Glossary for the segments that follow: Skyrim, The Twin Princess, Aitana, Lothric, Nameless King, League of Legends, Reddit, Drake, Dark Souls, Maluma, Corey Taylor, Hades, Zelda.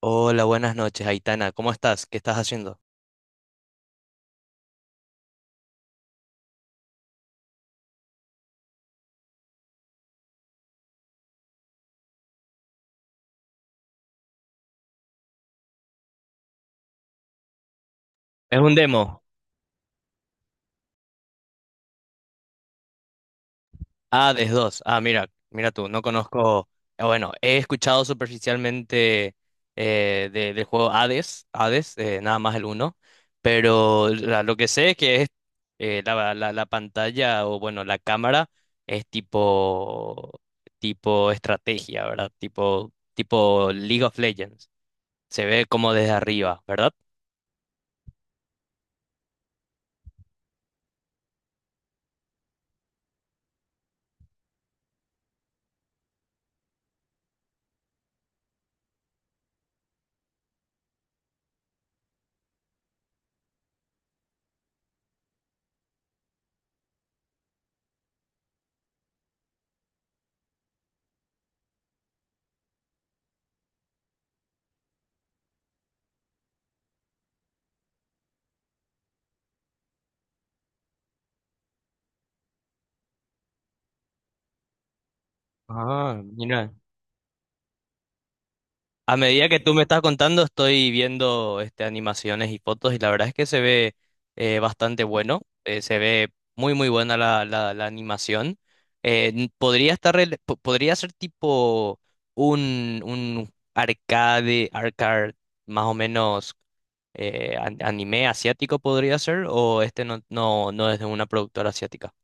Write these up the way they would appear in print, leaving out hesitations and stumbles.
Hola, buenas noches, Aitana. ¿Cómo estás? ¿Qué estás haciendo? Es un demo. Ah, des 2. Ah, mira, mira tú, no conozco. Ah, bueno, he escuchado superficialmente del juego Hades, Hades, nada más el uno, pero lo que sé es que es, la pantalla o bueno, la cámara es tipo tipo estrategia, ¿verdad? Tipo tipo League of Legends. Se ve como desde arriba, ¿verdad? Ah, mira. A medida que tú me estás contando, estoy viendo animaciones y fotos, y la verdad es que se ve bastante bueno. Se ve muy muy buena la animación. Podría podría ser tipo un arcade, arcade más o menos. Anime asiático podría ser, o este no, no, no es de una productora asiática.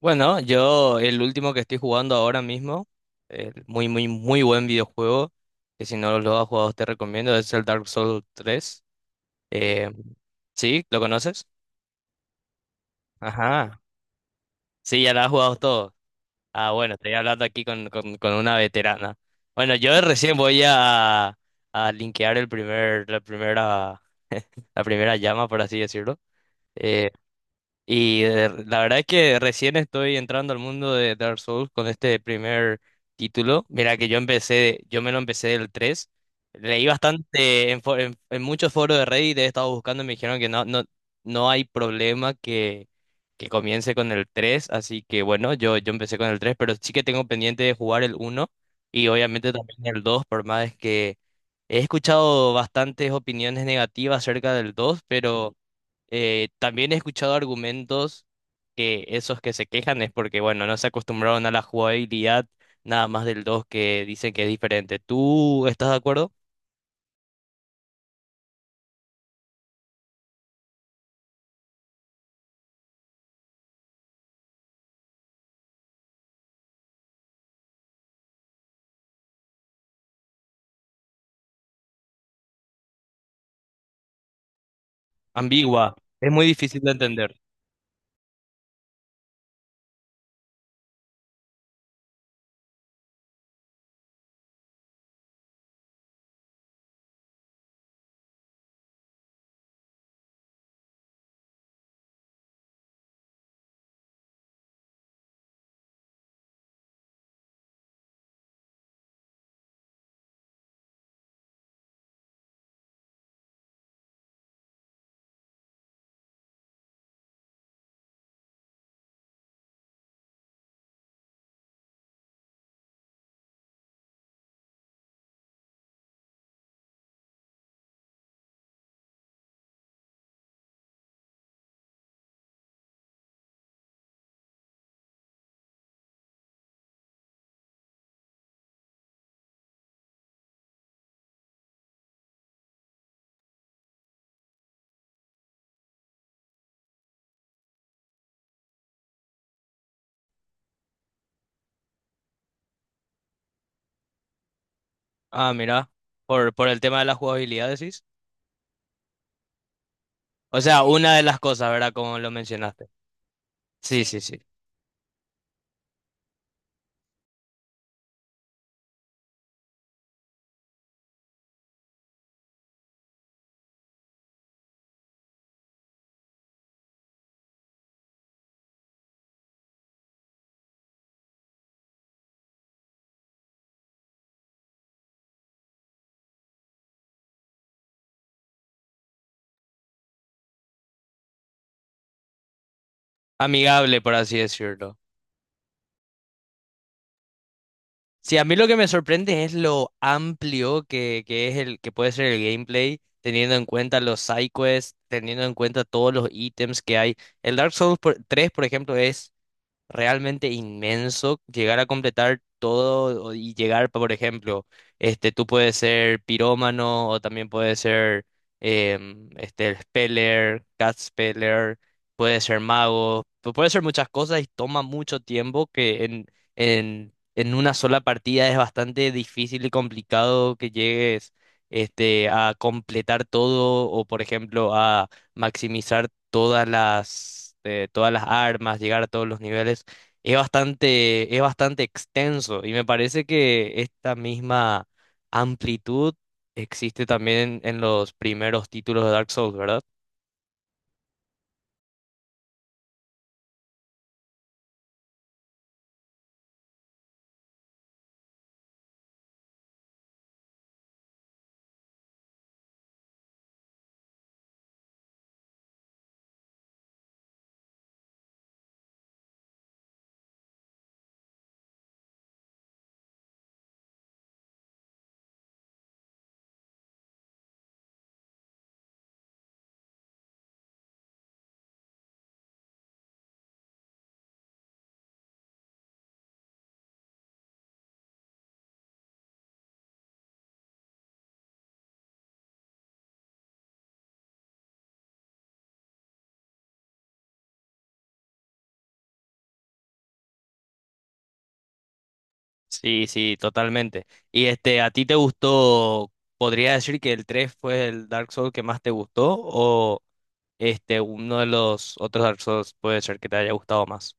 Bueno, yo el último que estoy jugando ahora mismo, el muy, muy, muy buen videojuego, que si no lo has jugado te recomiendo, es el Dark Souls tres. Eh, ¿Sí? ¿Lo conoces? Ajá. Sí, ya lo has jugado todo. Ah, bueno, estoy hablando aquí con, con una veterana. Bueno, yo recién voy a linkear el la primera, la primera llama, por así decirlo. Eh, Y la verdad es que recién estoy entrando al mundo de Dark Souls con este primer título. Mira que yo empecé, yo me lo empecé del tres. Leí bastante en muchos foros de Reddit, he estado buscando y me dijeron que no, no, no hay problema, que comience con el tres. Así que bueno, yo empecé con el tres, pero sí que tengo pendiente de jugar el uno, y obviamente también el dos, por más que he escuchado bastantes opiniones negativas acerca del dos, pero... También he escuchado argumentos que esos que se quejan es porque, bueno, no se acostumbraron a la jugabilidad nada más del dos, que dicen que es diferente. ¿Tú estás de acuerdo? Ambigua. Es muy difícil de entender. Ah, mira, por el tema de la jugabilidad, decís. O sea, una de las cosas, ¿verdad? Como lo mencionaste. Sí, sí, sí. Amigable, por así decirlo. Sí, a mí lo que me sorprende es lo amplio que es el que puede ser el gameplay, teniendo en cuenta los side quests, teniendo en cuenta todos los ítems que hay. El Dark Souls 3, por ejemplo, es realmente inmenso llegar a completar todo y llegar, por ejemplo, tú puedes ser pirómano o también puedes ser speller, cat speller, puedes ser mago, puedes ser muchas cosas y toma mucho tiempo que en una sola partida es bastante difícil y complicado que llegues, a completar todo o, por ejemplo, a maximizar todas todas las armas, llegar a todos los niveles. Es bastante, es bastante extenso y me parece que esta misma amplitud existe también en los primeros títulos de Dark Souls, ¿verdad? Sí, sí, totalmente. Y este, ¿a ti te gustó? ¿Podría decir que el 3 fue el Dark Souls que más te gustó, o este uno de los otros Dark Souls puede ser que te haya gustado más?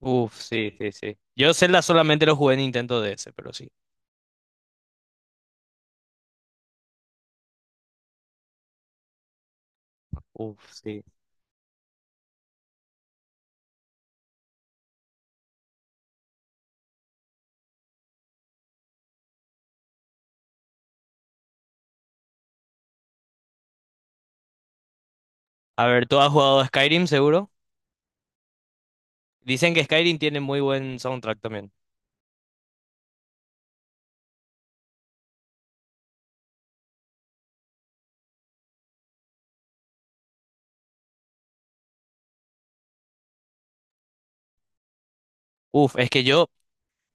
Uf, sí, sí, sí. Yo Zelda solamente lo jugué en Nintendo DS, pero sí. Uf, sí. A ver, ¿tú has jugado a Skyrim seguro? Dicen que Skyrim tiene muy buen soundtrack también. Uf,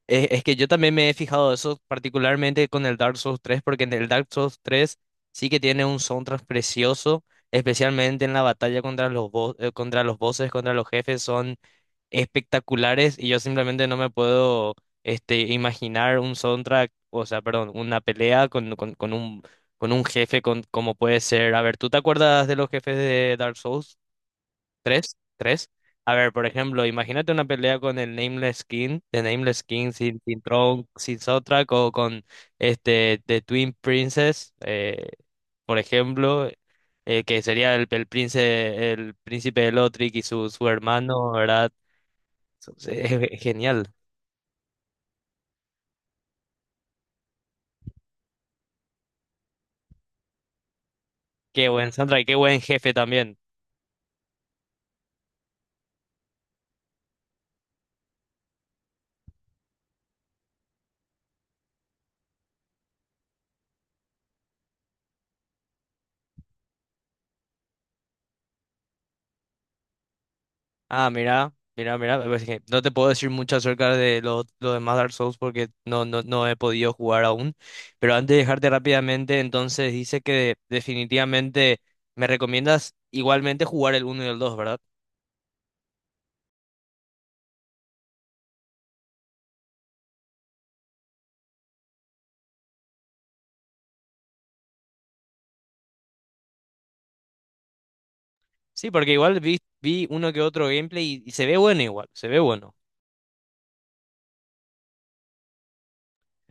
es que yo también me he fijado eso particularmente con el Dark Souls tres, porque en el Dark Souls tres sí que tiene un soundtrack precioso, especialmente en la batalla contra contra los bosses, contra los jefes, son espectaculares, y yo simplemente no me puedo, imaginar un soundtrack, o sea, perdón, una pelea con, con un jefe con, como puede ser. A ver, ¿tú te acuerdas de los jefes de Dark Souls tres A ver, por ejemplo, imagínate una pelea con el Nameless King, de Nameless King sin soundtrack, o con The Twin Princess, por ejemplo, que sería príncipe, el príncipe de Lothric y su hermano, ¿verdad? Entonces, es genial. Qué buen Sandra y qué buen jefe también. Ah, mira, mira, mira, pues que no te puedo decir mucho acerca de lo demás Dark Souls porque no, no, no he podido jugar aún. Pero antes de dejarte rápidamente, entonces dice que definitivamente me recomiendas igualmente jugar el uno y el dos, ¿verdad? Sí, porque igual vi, vi uno que otro gameplay y se ve bueno igual, se ve bueno.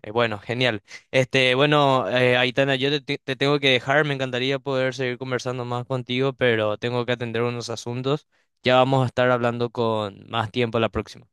Bueno, genial. Aitana, yo te, te tengo que dejar. Me encantaría poder seguir conversando más contigo, pero tengo que atender unos asuntos. Ya vamos a estar hablando con más tiempo la próxima.